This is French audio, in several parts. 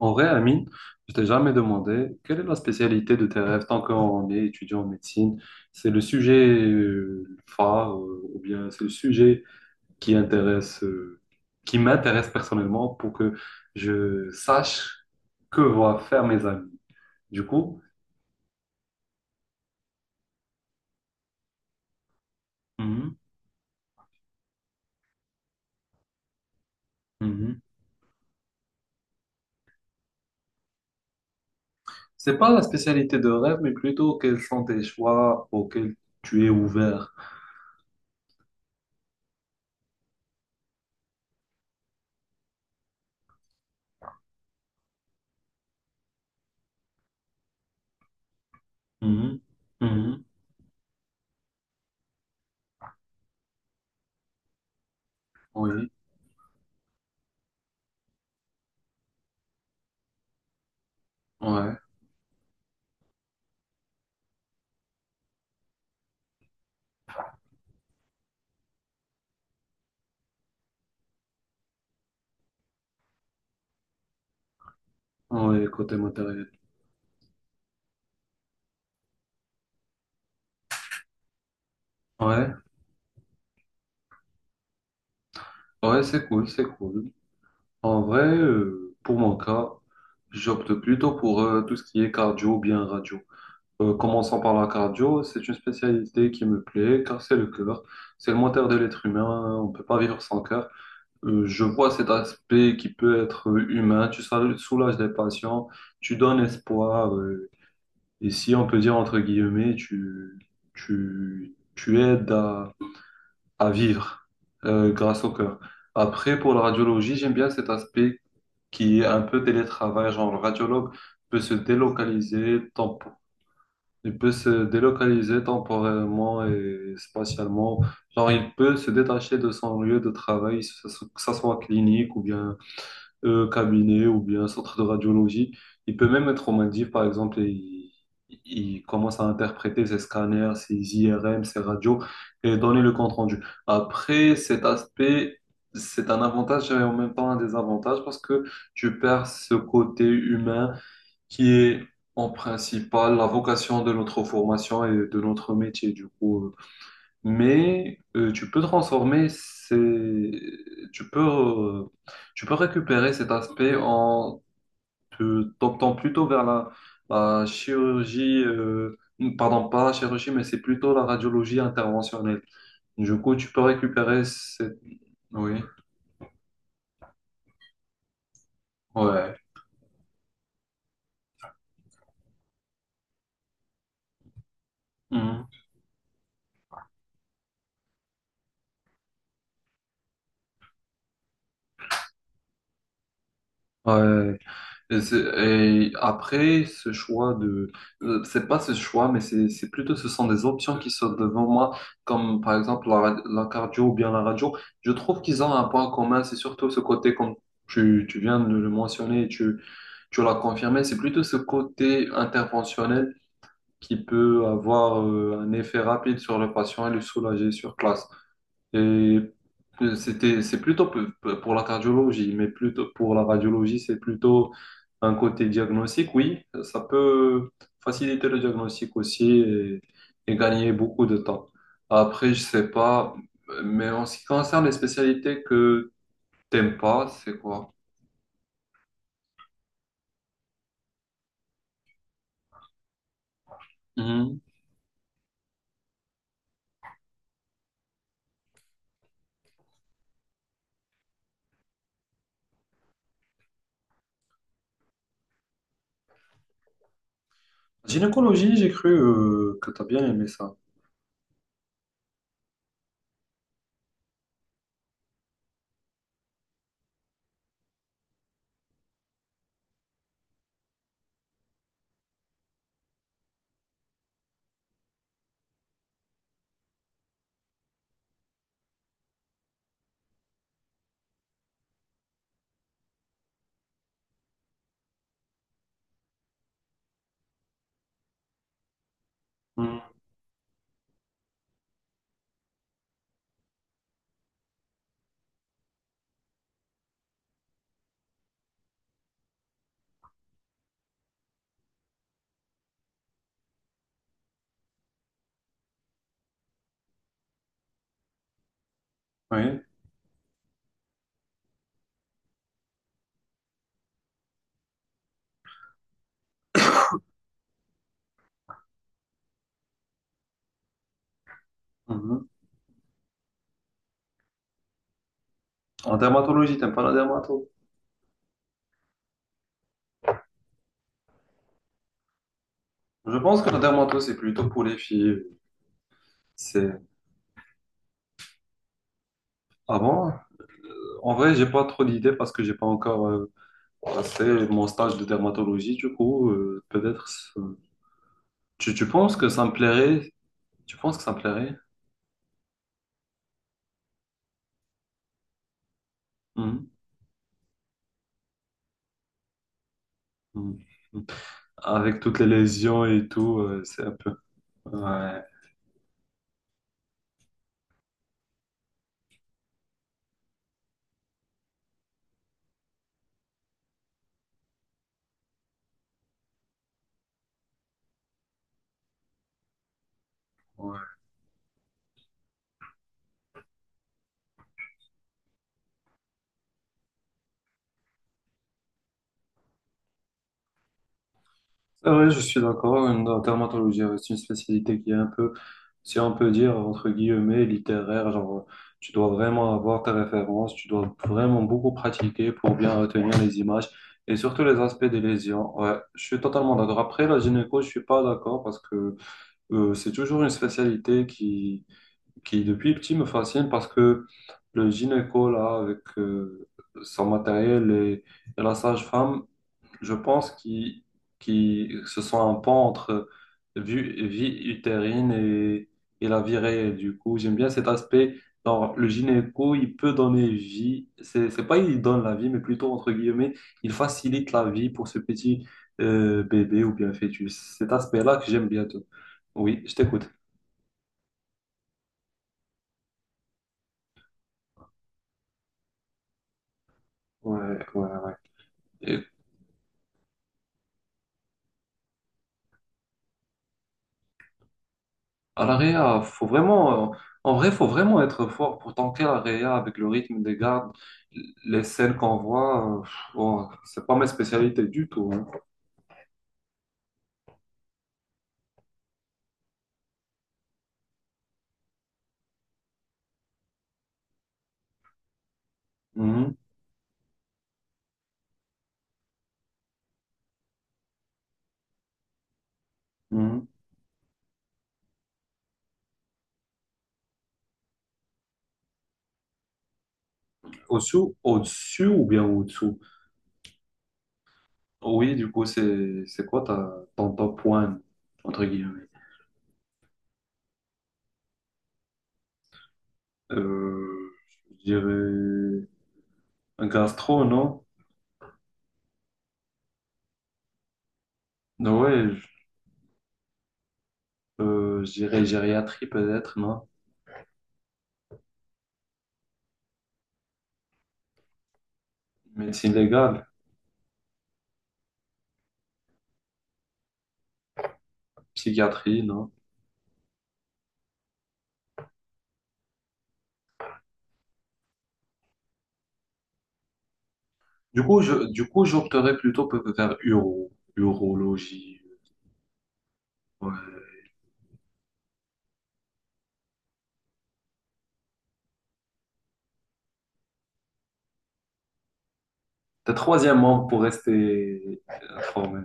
En vrai, Amine, je t'ai jamais demandé quelle est la spécialité de tes rêves tant qu'on est étudiant en médecine. C'est le sujet phare ou bien c'est le sujet qui intéresse, euh, qui m'intéresse personnellement pour que je sache que vont faire mes amis. Du coup, mhm, mhm. C'est pas la spécialité de rêve, mais plutôt quels sont tes choix auxquels tu es ouvert. Mhm, mhm. Oui, ouais, ouais, côté matériel. Ouais, ouais, c'est cool, c'est cool. En vrai, pour mon cas, j'opte plutôt pour tout ce qui est cardio ou bien radio. Commençons par la cardio, c'est une spécialité qui me plaît car c'est le cœur, c'est le moteur de l'être humain, on peut pas vivre sans cœur. Je vois cet aspect qui peut être humain, soulages les patients, tu donnes espoir, et si on peut dire entre guillemets, tu aides à vivre grâce au cœur. Après, pour la radiologie, j'aime bien cet aspect qui est un peu télétravail, genre le radiologue peut se délocaliser il peut se délocaliser temporairement et spatialement. Genre, il peut se détacher de son lieu de travail, que ce soit clinique ou bien cabinet ou bien centre de radiologie. Il peut même être aux Maldives, par exemple, et il commence à interpréter ses scanners, ses IRM, ses radios et donner le compte rendu. Après, cet aspect, c'est un avantage et en même temps un désavantage parce que tu perds ce côté humain qui est en principal la vocation de notre formation et de notre métier. Du coup, mais tu peux, euh, tu peux récupérer cet aspect en te t'optant plutôt vers la chirurgie, pardon, pas la chirurgie, mais c'est plutôt la radiologie interventionnelle. Du coup, tu peux récupérer cette... Oui, ouais. Mhm. Ouais. Et, et après, c'est pas ce choix, mais c'est plutôt, ce sont des options qui sont devant moi, comme par exemple la cardio ou bien la radio. Je trouve qu'ils ont un point commun, c'est surtout ce côté, comme tu viens de le mentionner, et tu l'as confirmé, c'est plutôt ce côté interventionnel qui peut avoir un effet rapide sur le patient et le soulager sur place. Et c'est plutôt pour la cardiologie, mais plutôt pour la radiologie, c'est plutôt un côté diagnostic, oui. Ça peut faciliter le diagnostic aussi et gagner beaucoup de temps. Après, je sais pas, mais en ce qui concerne les spécialités que t'aimes pas, c'est quoi? Mhm. Gynécologie, j'ai cru que t'as bien aimé ça. Mhm. Oui. Mhm. En dermatologie, t'aimes pas la dermato? Je pense que la dermato, c'est plutôt pour les filles. C'est... Ah bon? En vrai, j'ai pas trop d'idées parce que j'ai pas encore passé mon stage de dermatologie. Du coup, peut-être. Tu, tu penses que ça me plairait? Tu penses que ça me plairait? Mhm. Mhm. Avec toutes les lésions et tout, c'est un peu. Ouais. Ouais. C'est vrai, je suis d'accord. La dermatologie, c'est une spécialité qui est un peu, si on peut dire, entre guillemets, littéraire. Genre, tu dois vraiment avoir tes références, tu dois vraiment beaucoup pratiquer pour bien retenir les images et surtout les aspects des lésions. Ouais, je suis totalement d'accord. Après, la gynéco, je suis pas d'accord parce que c'est toujours une spécialité qui, depuis petit, me fascine parce que le gynéco, là, avec son matériel et la sage-femme, je pense qu'ils qui, se sont un pont entre vue vie utérine et la vie réelle. Du coup, j'aime bien cet aspect. Genre, le gynéco, il peut donner vie. C'est pas il donne la vie, mais plutôt, entre guillemets, il facilite la vie pour ce petit bébé ou bien fœtus. Cet aspect-là que j'aime bien. Tout. Oui, je t'écoute. Ouais, ouais, ouais. Et à la réa, en vrai, faut vraiment être fort pour tanker la réa avec le rythme des gardes, les scènes qu'on voit. Bon, c'est pas ma spécialité du tout. Hein. Mhm, mhm. Au-dessous, au-dessus ou bien au-dessous? Oui, du coup, c'est quoi ton top one, entre guillemets? Euh, je dirais un gastro, non? Ouais, je dirais gériatrie peut-être, non? Médecine légale, psychiatrie, non? Du coup, du coup, j'opterais plutôt peut-être vers uro, urologie. Ouais. Le troisième membre pour rester informé.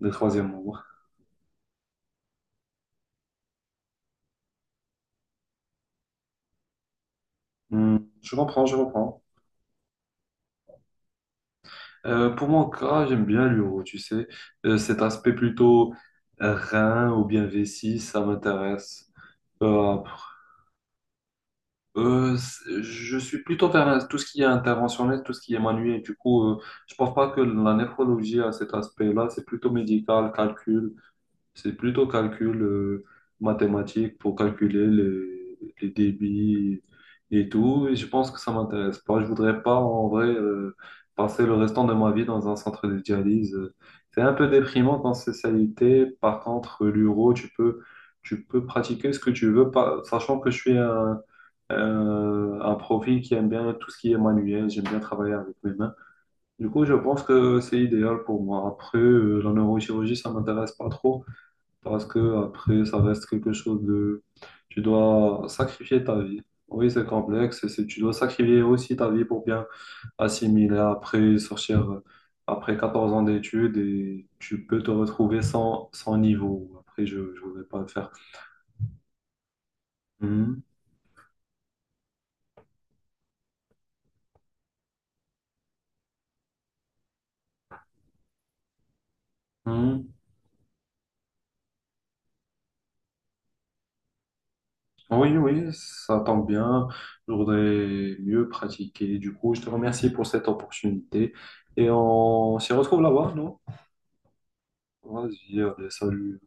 Le troisième membre. Hmm, je comprends, je comprends. Pour mon cas, j'aime bien l'uro, tu sais. Cet aspect plutôt rein ou bien vessie, ça m'intéresse. Après, je suis plutôt vers tout ce qui est interventionnel, tout ce qui est manuel. Du coup, je pense pas que la néphrologie a cet aspect-là. C'est plutôt médical, calcul. C'est plutôt calcul mathématique pour calculer les débits et tout. Et je pense que ça m'intéresse pas. Je voudrais pas, en vrai, passer le restant de ma vie dans un centre de dialyse. C'est un peu déprimant dans cette spécialité. Par contre, l'uro, tu peux pratiquer ce que tu veux, sachant que je suis un profil qui aime bien tout ce qui est manuel. J'aime bien travailler avec mes mains. Du coup, je pense que c'est idéal pour moi. Après, la neurochirurgie, ça m'intéresse pas trop. Parce que après, ça reste quelque chose de... Tu dois sacrifier ta vie. Oui, c'est complexe. C'est... Tu dois sacrifier aussi ta vie pour bien assimiler après sortir après 14 ans d'études et tu peux te retrouver sans niveau. Après, je ne voudrais pas le faire. Mhm. Mhm. Oui, oui, ça tombe bien. Je voudrais mieux pratiquer. Du coup, je te remercie pour cette opportunité et on s'y retrouve là-bas, non? Vas-y, allez, salut.